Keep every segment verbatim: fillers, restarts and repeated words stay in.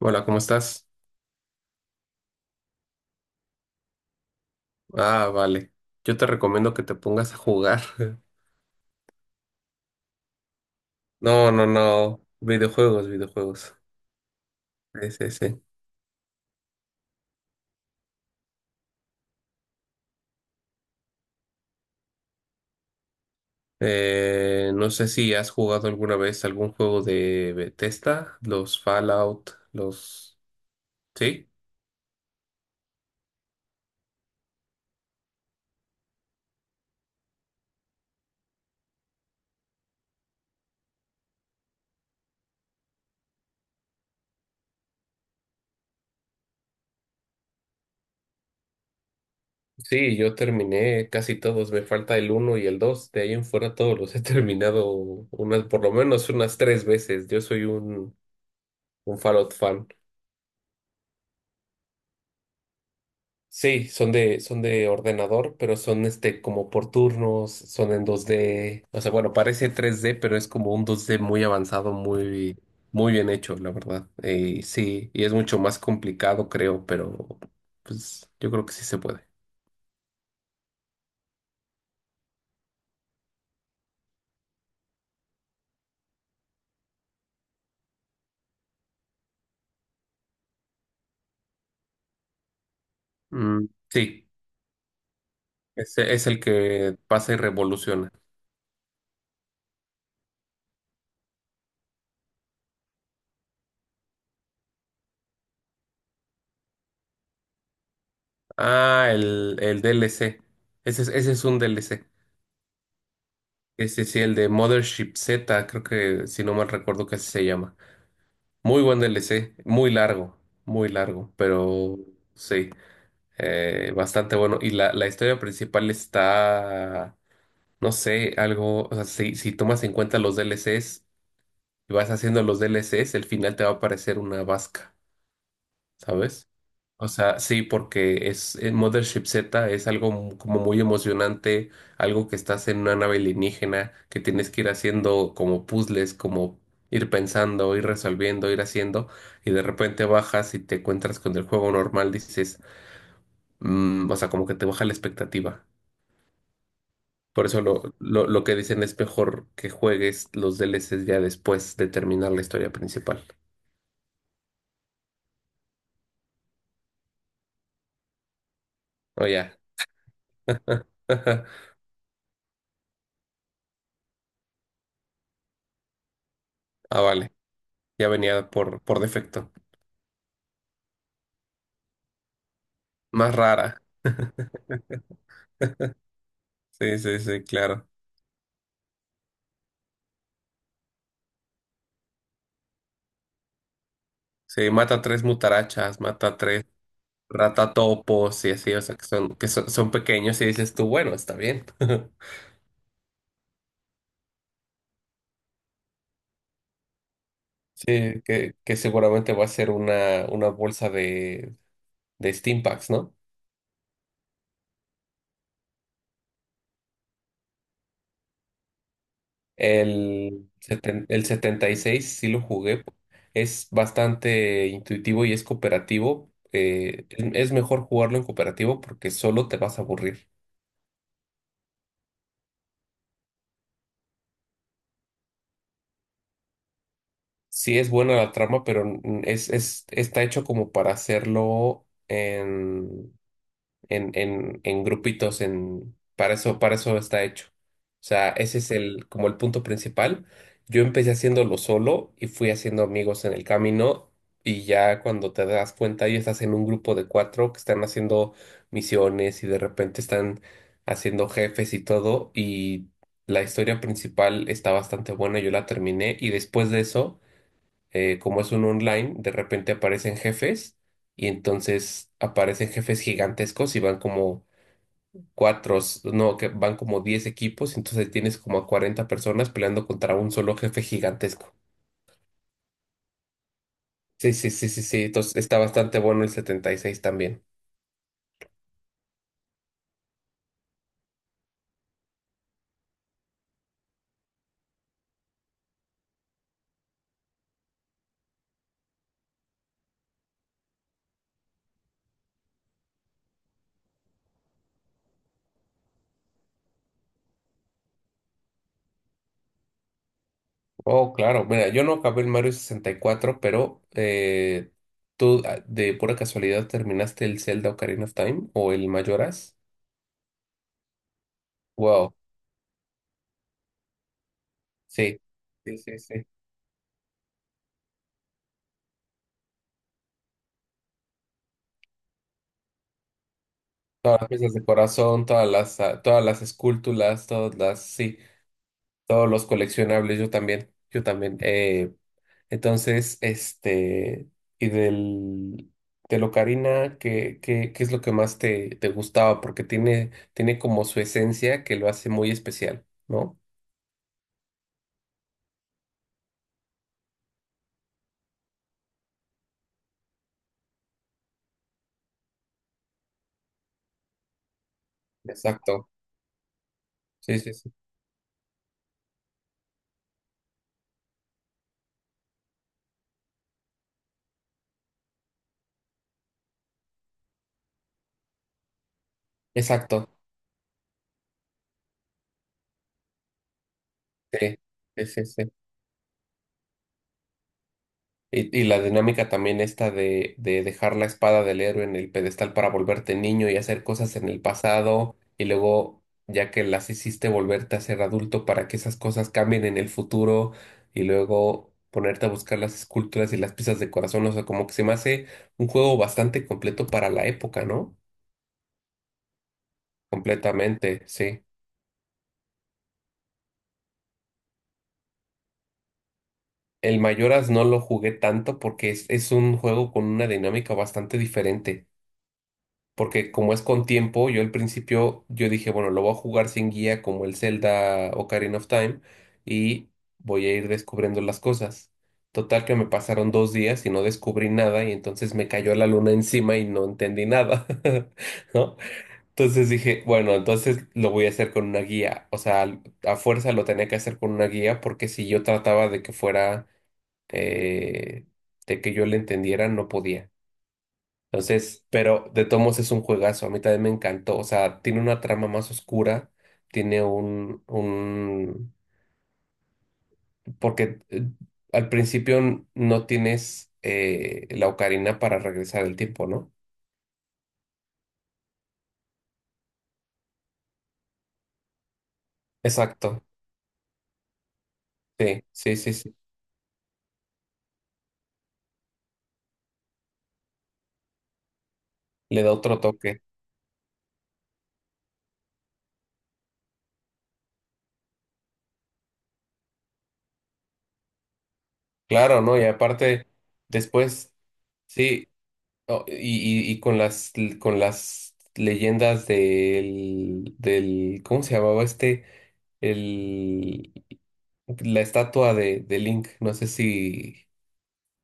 Hola, ¿cómo estás? Ah, vale. Yo te recomiendo que te pongas a jugar. No, no, no. Videojuegos, videojuegos. Sí, sí, sí. Eh, no sé si has jugado alguna vez algún juego de Bethesda, los Fallout, los. Sí, sí, yo terminé casi todos. Me falta el uno y el dos. De ahí en fuera todos los he terminado unas, por lo menos unas tres veces. Yo soy un, un Fallout fan. Sí, son de, son de ordenador, pero son este como por turnos, son en dos D. O sea, bueno, parece tres D, pero es como un dos D muy avanzado, muy, muy bien hecho, la verdad. Eh, sí, y es mucho más complicado, creo, pero pues yo creo que sí se puede. Mm, sí, ese es el que pasa y revoluciona. Ah, el, el D L C. Ese es, ese es un D L C. Ese sí, el de Mothership Z, creo que si no mal recuerdo que así se llama. Muy buen D L C, muy largo, muy largo, pero sí, eh, bastante bueno. Y la, la historia principal está, no sé, algo. O sea, si, si tomas en cuenta los D L C s y vas haciendo los D L C s, el final te va a parecer una vasca, ¿sabes? O sea, sí, porque es eh, Mothership Z es algo mu- como muy emocionante, algo que estás en una nave alienígena, que tienes que ir haciendo como puzzles, como ir pensando, ir resolviendo, ir haciendo, y de repente bajas y te encuentras con el juego normal, dices, "Mm", o sea, como que te baja la expectativa. Por eso lo, lo, lo que dicen es mejor que juegues los D L C s ya después de terminar la historia principal. O ya. Ah, vale. Ya venía por, por defecto. Más rara. Sí, sí, sí, claro. Sí, mata tres mutarachas, mata tres ratatopos y así, o sea, que son, que son, son pequeños y dices tú, bueno, está bien. Sí, que, que seguramente va a ser una, una bolsa de, de Steam Packs, ¿no? El, seten- el setenta y seis sí lo jugué. Es bastante intuitivo y es cooperativo. eh, es es mejor jugarlo en cooperativo porque solo te vas a aburrir. Sí es buena la trama, pero n- es, es, está hecho como para hacerlo en, en, en, en grupitos, en, para eso, para eso está hecho. O sea, ese es el, como el punto principal. Yo empecé haciéndolo solo y fui haciendo amigos en el camino, y ya cuando te das cuenta ya estás en un grupo de cuatro que están haciendo misiones, y de repente están haciendo jefes y todo. Y la historia principal está bastante buena. Yo la terminé y después de eso, eh, como es un online, de repente aparecen jefes, y entonces aparecen jefes gigantescos y van como cuatro, s- no, que van como diez equipos. Entonces tienes como a cuarenta personas peleando contra un solo jefe gigantesco. Sí, sí, sí, sí, sí, entonces está bastante bueno el setenta y seis también. Oh, claro, mira, yo no acabé el Mario sesenta y cuatro, pero eh, ¿tú ah, de pura casualidad terminaste el Zelda Ocarina of Time o el Majora's? Wow, sí. Sí, sí, sí. Todas las piezas de corazón, todas las, ah, todas las esculturas, todas las, sí, todos los coleccionables, yo también, yo también. Eh, entonces, este, y del, de Locarina, ¿qué, qué, qué es lo que más te, te gustaba? Porque tiene, tiene como su esencia que lo hace muy especial, ¿no? Exacto, sí, sí, sí. Exacto, sí, sí, sí, sí. Y, y la dinámica también esta de, de dejar la espada del héroe en el pedestal para volverte niño y hacer cosas en el pasado y luego, ya que las hiciste, volverte a ser adulto para que esas cosas cambien en el futuro, y luego ponerte a buscar las esculturas y las piezas de corazón. O sea, como que se me hace un juego bastante completo para la época, ¿no? Completamente, sí. El Mayoras no lo jugué tanto porque es, es un juego con una dinámica bastante diferente. Porque como es con tiempo, yo al principio yo dije, bueno, lo voy a jugar sin guía como el Zelda Ocarina of Time y voy a ir descubriendo las cosas. Total que me pasaron dos días y no descubrí nada, y entonces me cayó la luna encima y no entendí nada, ¿no? Entonces dije, bueno, entonces lo voy a hacer con una guía. O sea, al- a fuerza lo tenía que hacer con una guía porque si yo trataba de que fuera, eh, de que yo le entendiera, no podía. Entonces, pero de todos modos es un juegazo, a mí también me encantó, o sea, tiene una trama más oscura, tiene un, un, porque eh, al principio n- no tienes eh, la ocarina para regresar el tiempo, ¿no? Exacto, sí, sí, sí, sí, le da otro toque, claro, ¿no? Y aparte, después, sí, oh, y, y- y con las, con las leyendas del, del, ¿cómo se llamaba este? El, la estatua de, de Link. No sé si,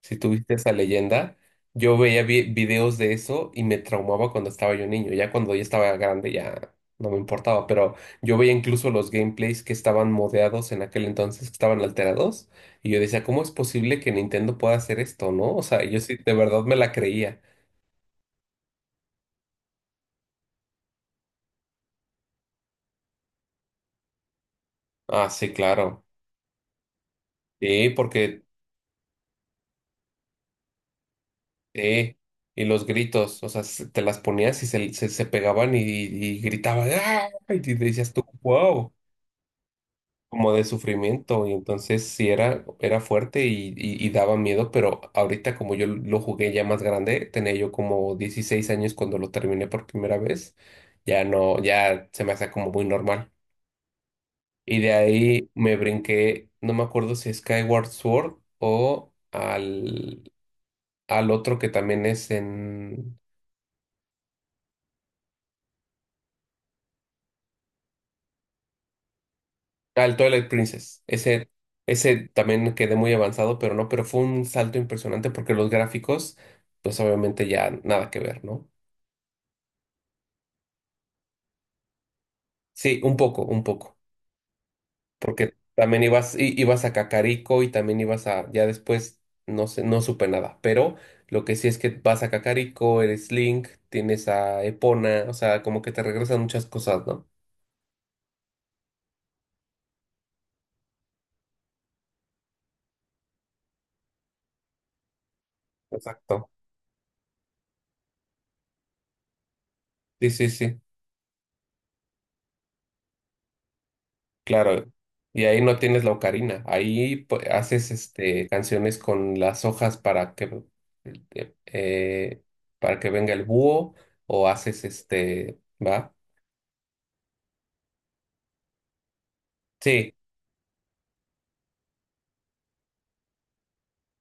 si tuviste esa leyenda. Yo veía vi- videos de eso y me traumaba cuando estaba yo niño. Ya cuando ya estaba grande ya no me importaba, pero yo veía incluso los gameplays que estaban modeados en aquel entonces, que estaban alterados, y yo decía, ¿cómo es posible que Nintendo pueda hacer esto, no? O sea, yo sí, de verdad me la creía. Ah, sí, claro. Sí, porque sí, y los gritos, o sea, se- te las ponías y se, se, se pegaban y, y gritaban, ¡ah! Y te decías tú, wow, como de sufrimiento. Y entonces sí era, era fuerte y, y, y daba miedo, pero ahorita como yo lo jugué ya más grande, tenía yo como dieciséis años cuando lo terminé por primera vez, ya no, ya se me hace como muy normal. Y de ahí me brinqué, no me acuerdo si Skyward Sword o al, al otro que también es en. Ah, el Twilight Princess. Ese, ese también quedé muy avanzado, pero no, pero fue un salto impresionante porque los gráficos, pues obviamente ya nada que ver, ¿no? Sí, un poco, un poco. Porque también ibas, i- ibas a Cacarico y también ibas a, ya después, no sé, no supe nada. Pero lo que sí es que vas a Cacarico, eres Link, tienes a Epona, o sea, como que te regresan muchas cosas, ¿no? Exacto. Sí, sí, sí. Claro, y ahí no tienes la ocarina, ahí pu- haces este canciones con las hojas para que eh, eh, para que venga el búho o haces este, ¿va? Sí,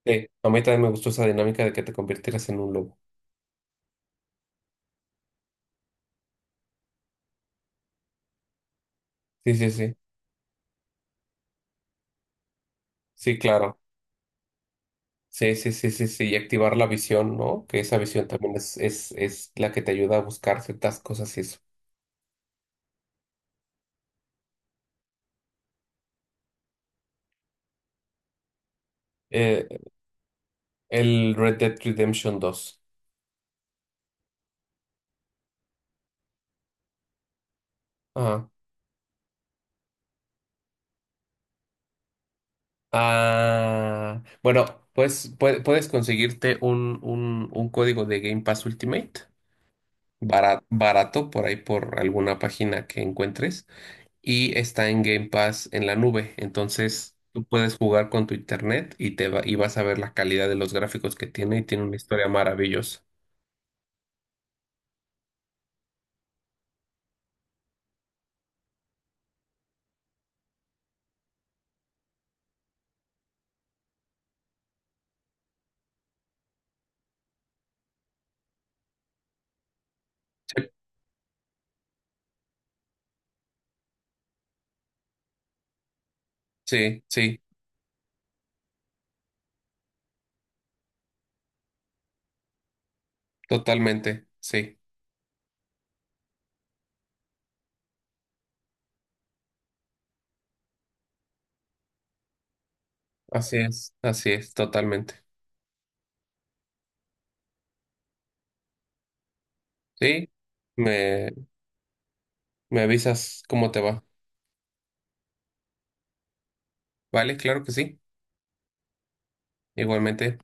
sí. A mí también me gustó esa dinámica de que te convirtieras en un lobo. Sí, sí, sí. Sí, claro. Sí, sí, sí, sí, sí. Y activar la visión, ¿no? Que esa visión también es, es, es la que te ayuda a buscar ciertas cosas y eso. Eh, el Red Dead Redemption dos. Ajá. Ah, bueno, pues pue- puedes conseguirte un, un, un código de Game Pass Ultimate bara- barato, por ahí por alguna página que encuentres y está en Game Pass en la nube. Entonces tú puedes jugar con tu internet y te va- y vas a ver la calidad de los gráficos que tiene y tiene una historia maravillosa. Sí, sí, sí, totalmente, sí. Así es, así es, totalmente. Sí, me, me avisas cómo te va. Vale, claro que sí, igualmente.